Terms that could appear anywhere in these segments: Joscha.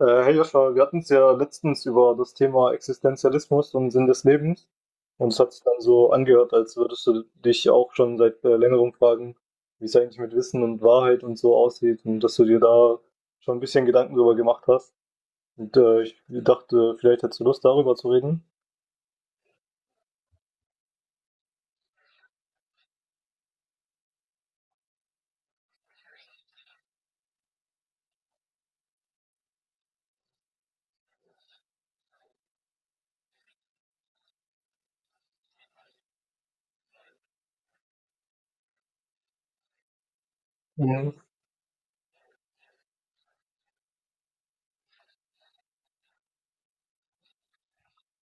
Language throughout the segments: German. Hey Joscha, wir hatten es ja letztens über das Thema Existenzialismus und Sinn des Lebens. Und es hat sich dann so angehört, als würdest du dich auch schon seit längerem fragen, wie es eigentlich mit Wissen und Wahrheit und so aussieht und dass du dir da schon ein bisschen Gedanken drüber gemacht hast. Und ich dachte, vielleicht hättest du Lust, darüber zu reden. Mhm.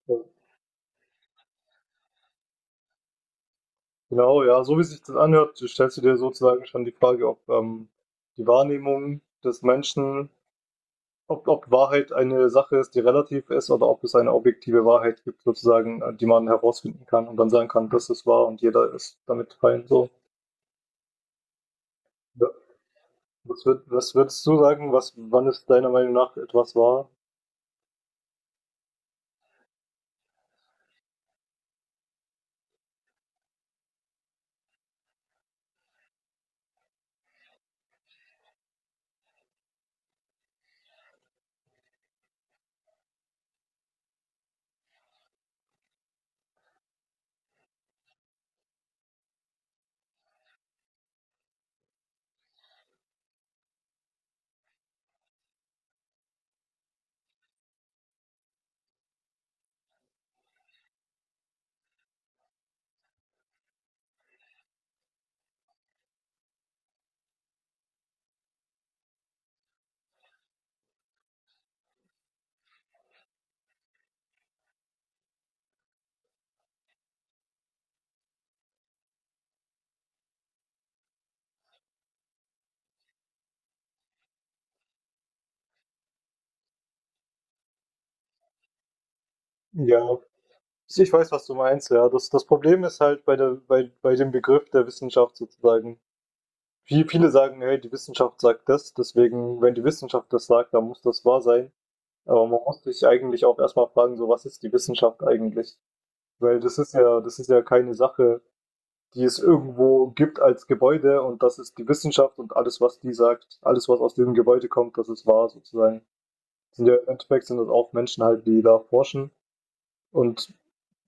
Äh, Genau, ja, so wie sich das anhört, stellst du dir sozusagen schon die Frage, ob die Wahrnehmung des Menschen, ob Wahrheit eine Sache ist, die relativ ist oder ob es eine objektive Wahrheit gibt sozusagen, die man herausfinden kann und dann sagen kann: „Das ist wahr und jeder ist damit fein“, so. Ja. Was würdest du sagen, was wann ist deiner Meinung nach etwas wahr? Ja, ich weiß, was du meinst, ja. Das Problem ist halt bei der bei bei dem Begriff der Wissenschaft sozusagen. Viele sagen: „Hey, die Wissenschaft sagt das, deswegen, wenn die Wissenschaft das sagt, dann muss das wahr sein.“ Aber man muss sich eigentlich auch erstmal fragen, so: Was ist die Wissenschaft eigentlich? Weil das ist ja keine Sache, die es irgendwo gibt als Gebäude und das ist die Wissenschaft und alles, was die sagt, alles, was aus diesem Gebäude kommt, das ist wahr sozusagen. Im Endeffekt sind das auch Menschen halt, die da forschen und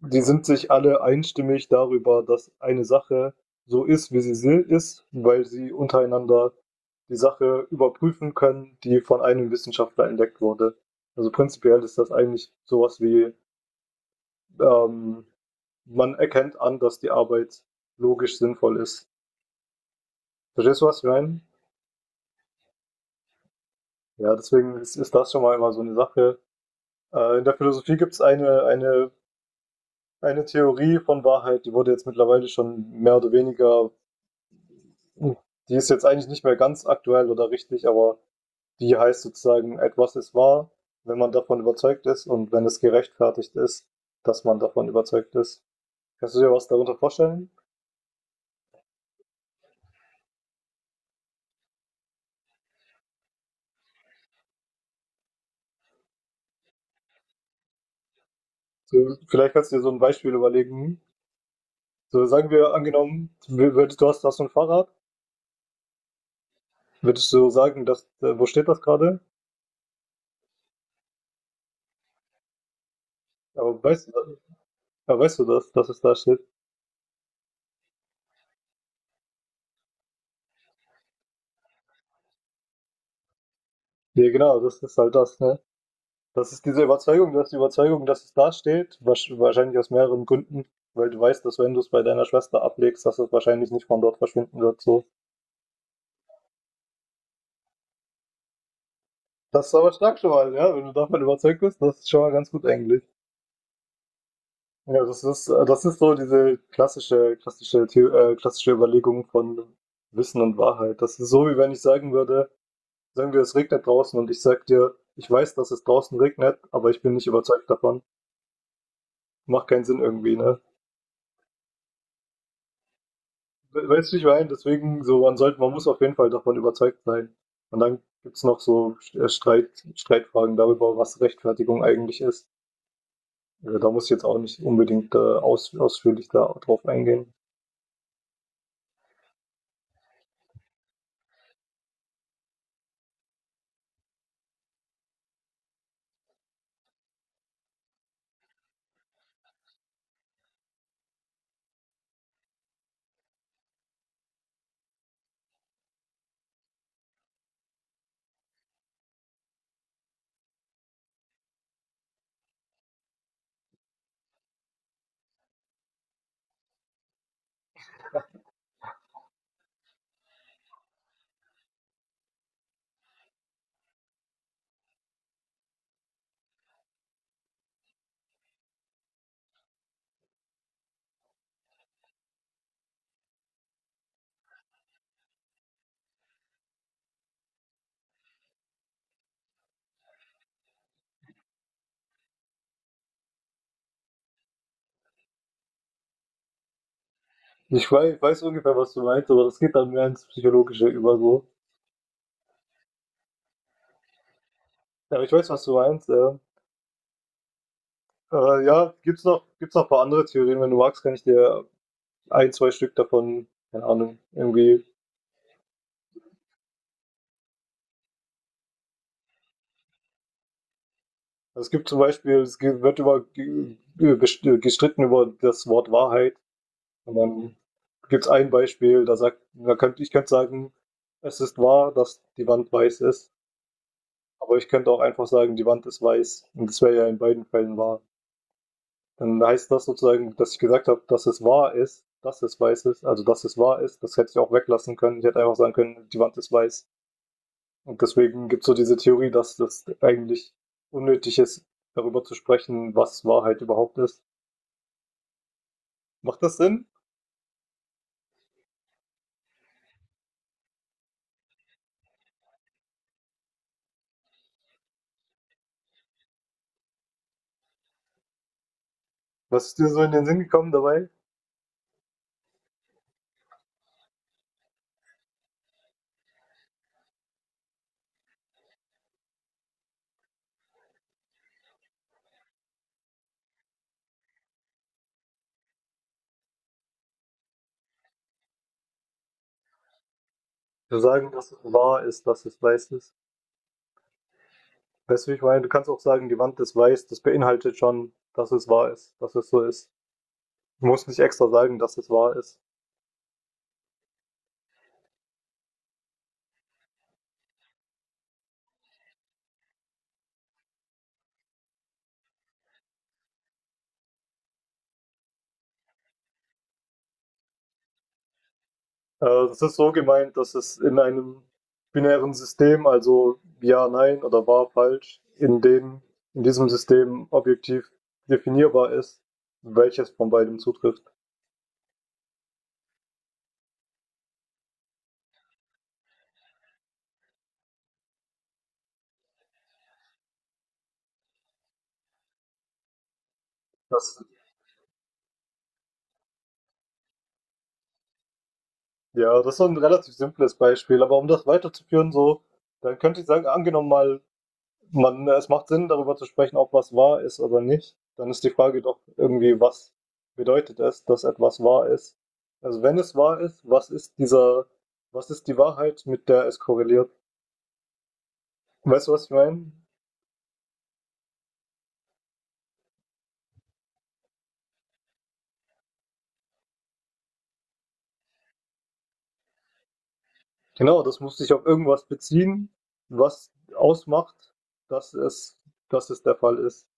die sind sich alle einstimmig darüber, dass eine Sache so ist, wie ist, weil sie untereinander die Sache überprüfen können, die von einem Wissenschaftler entdeckt wurde. Also prinzipiell ist das eigentlich sowas wie ähm, man erkennt an, dass die Arbeit logisch sinnvoll ist. Verstehst du, was ich meine? Ja, deswegen ist das schon mal immer so eine Sache. In der Philosophie gibt es eine Theorie von Wahrheit, die wurde jetzt mittlerweile schon mehr oder weniger, hm, die ist jetzt eigentlich nicht mehr ganz aktuell oder richtig, aber die heißt sozusagen, etwas ist wahr, wenn man davon überzeugt ist und wenn es gerechtfertigt ist, dass man davon überzeugt ist. Kannst du dir was darunter vorstellen? So, vielleicht kannst du dir so ein Beispiel überlegen. So, sagen wir angenommen, hast so ein Fahrrad, würdest du sagen, dass, wo steht das gerade? Aber weißt du das, dass es da steht? Ja, genau, das ist halt das, ne? Das ist diese Überzeugung, du hast die Überzeugung, dass es da steht, wahrscheinlich aus mehreren Gründen, weil du weißt, dass wenn du es bei deiner Schwester ablegst, dass es wahrscheinlich nicht von dort verschwinden wird, so. Das ist aber stark schon mal, ja, wenn du davon überzeugt bist, das ist schon mal ganz gut eigentlich. Ja, das ist so diese klassische Überlegung von Wissen und Wahrheit. Das ist so, wie wenn ich sagen würde, sagen wir, es regnet draußen und ich sag dir, ich weiß, dass es draußen regnet, aber ich bin nicht überzeugt davon. Macht keinen Sinn irgendwie, ne? Weißt du, wie ich meine? Deswegen, so, man muss auf jeden Fall davon überzeugt sein. Und dann gibt's noch so Streitfragen darüber, was Rechtfertigung eigentlich ist. Ja, da muss ich jetzt auch nicht unbedingt ausführlich da drauf eingehen. Ich weiß ungefähr, was du meinst, aber das geht dann mehr ins Psychologische über so. Ja, aber ich weiß, was du meinst. Ja, ja gibt's noch ein paar andere Theorien. Wenn du magst, kann ich dir ein, zwei Stück davon, keine Ahnung, irgendwie. Also es gibt zum Beispiel, es ge- wird über ge- best- gestritten über das Wort Wahrheit. Und dann gibt's ein Beispiel, da sagt, da könnte sagen, es ist wahr, dass die Wand weiß ist. Aber ich könnte auch einfach sagen, die Wand ist weiß. Und das wäre ja in beiden Fällen wahr. Dann heißt das sozusagen, dass ich gesagt habe, dass es wahr ist, dass es weiß ist, also dass es wahr ist, das hätte ich auch weglassen können. Ich hätte einfach sagen können, die Wand ist weiß. Und deswegen gibt es so diese Theorie, dass das eigentlich unnötig ist, darüber zu sprechen, was Wahrheit überhaupt ist. Macht das Sinn? Was ist dir so in den Sinn gekommen dabei? Zu sagen, dass es wahr ist, dass es weiß ist. Weißt du, wie ich meine? Du kannst auch sagen, die Wand ist weiß, das beinhaltet schon, dass es wahr ist, dass es so ist. Du musst nicht extra sagen, dass es wahr ist. Äh, es ist so gemeint, dass es in einem binären System, also ja, nein oder wahr, falsch, in diesem System objektiv definierbar ist, welches von beidem zutrifft. Das, ja, das ist so ein relativ simples Beispiel, aber um das weiterzuführen, so, dann könnte ich sagen, angenommen mal, man, es macht Sinn, darüber zu sprechen, ob was wahr ist oder nicht. Dann ist die Frage doch irgendwie, was bedeutet es, dass etwas wahr ist? Also wenn es wahr ist, was ist die Wahrheit, mit der es korreliert? Weißt du, was ich meine? Genau, das muss sich auf irgendwas beziehen, was ausmacht, dass es, dass es der Fall ist.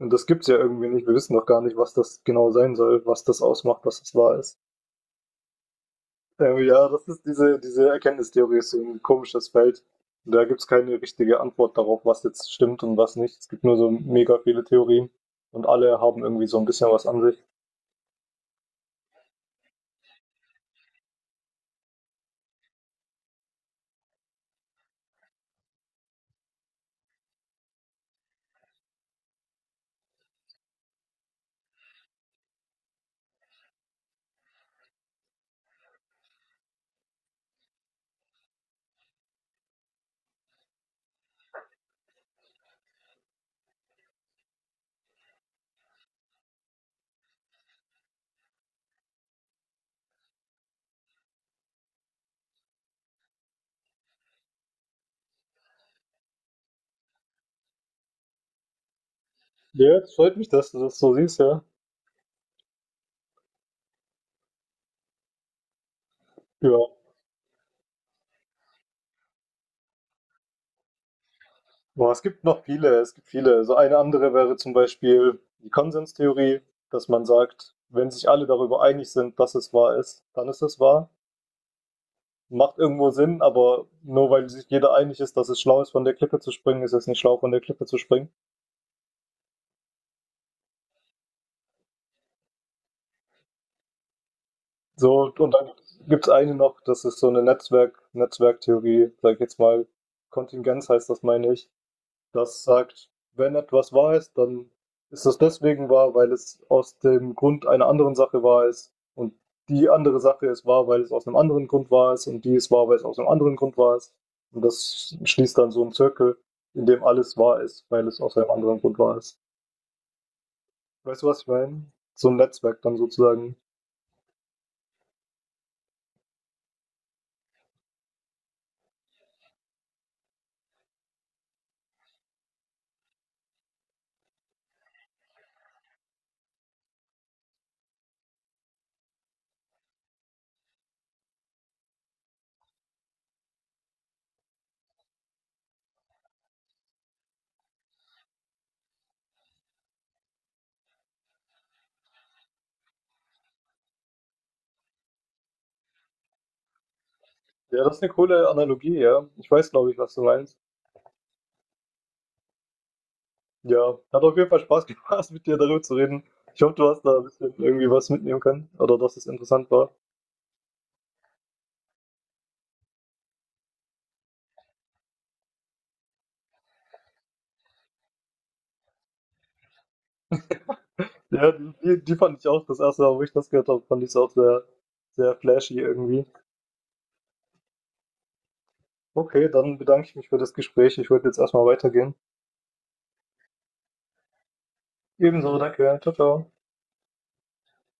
Und das gibt es ja irgendwie nicht. Wir wissen doch gar nicht, was das genau sein soll, was das ausmacht, dass es wahr ist. Ja, das ist diese Erkenntnistheorie, ist so ein komisches Feld. Und da gibt's keine richtige Antwort darauf, was jetzt stimmt und was nicht. Es gibt nur so mega viele Theorien und alle haben irgendwie so ein bisschen was an sich. Ja, es freut mich, dass du das so siehst, ja. Ja, boah, es gibt noch viele, es gibt viele. So eine andere wäre zum Beispiel die Konsenstheorie, dass man sagt, wenn sich alle darüber einig sind, dass es wahr ist, dann ist es wahr. Macht irgendwo Sinn, aber nur weil sich jeder einig ist, dass es schlau ist, von der Klippe zu springen, ist es nicht schlau, von der Klippe zu springen. So, und dann gibt es eine noch, das ist so eine Netzwerktheorie, sag ich jetzt mal, Kontingenz heißt das, meine ich. Das sagt, wenn etwas wahr ist, dann ist das deswegen wahr, weil es aus dem Grund einer anderen Sache wahr ist. Und die andere Sache ist wahr, weil es aus einem anderen Grund wahr ist. Und die ist wahr, weil es aus einem anderen Grund wahr ist. Und das schließt dann so einen Zirkel, in dem alles wahr ist, weil es aus einem anderen Grund wahr ist. Weißt du, was ich meine? So ein Netzwerk dann sozusagen. Ja, das ist eine coole Analogie, ja. Ich weiß, glaube ich, was du meinst. Ja, hat auf jeden Fall Spaß gemacht, mit dir darüber zu reden. Ich hoffe, du hast da ein bisschen irgendwie was mitnehmen können oder dass es interessant war. Ja, die die fand ich auch das erste Mal, wo ich das gehört habe, fand ich's auch sehr, sehr flashy irgendwie. Okay, dann bedanke ich mich für das Gespräch. Ich würde jetzt erstmal weitergehen. Ebenso, danke. Tschau, tschau.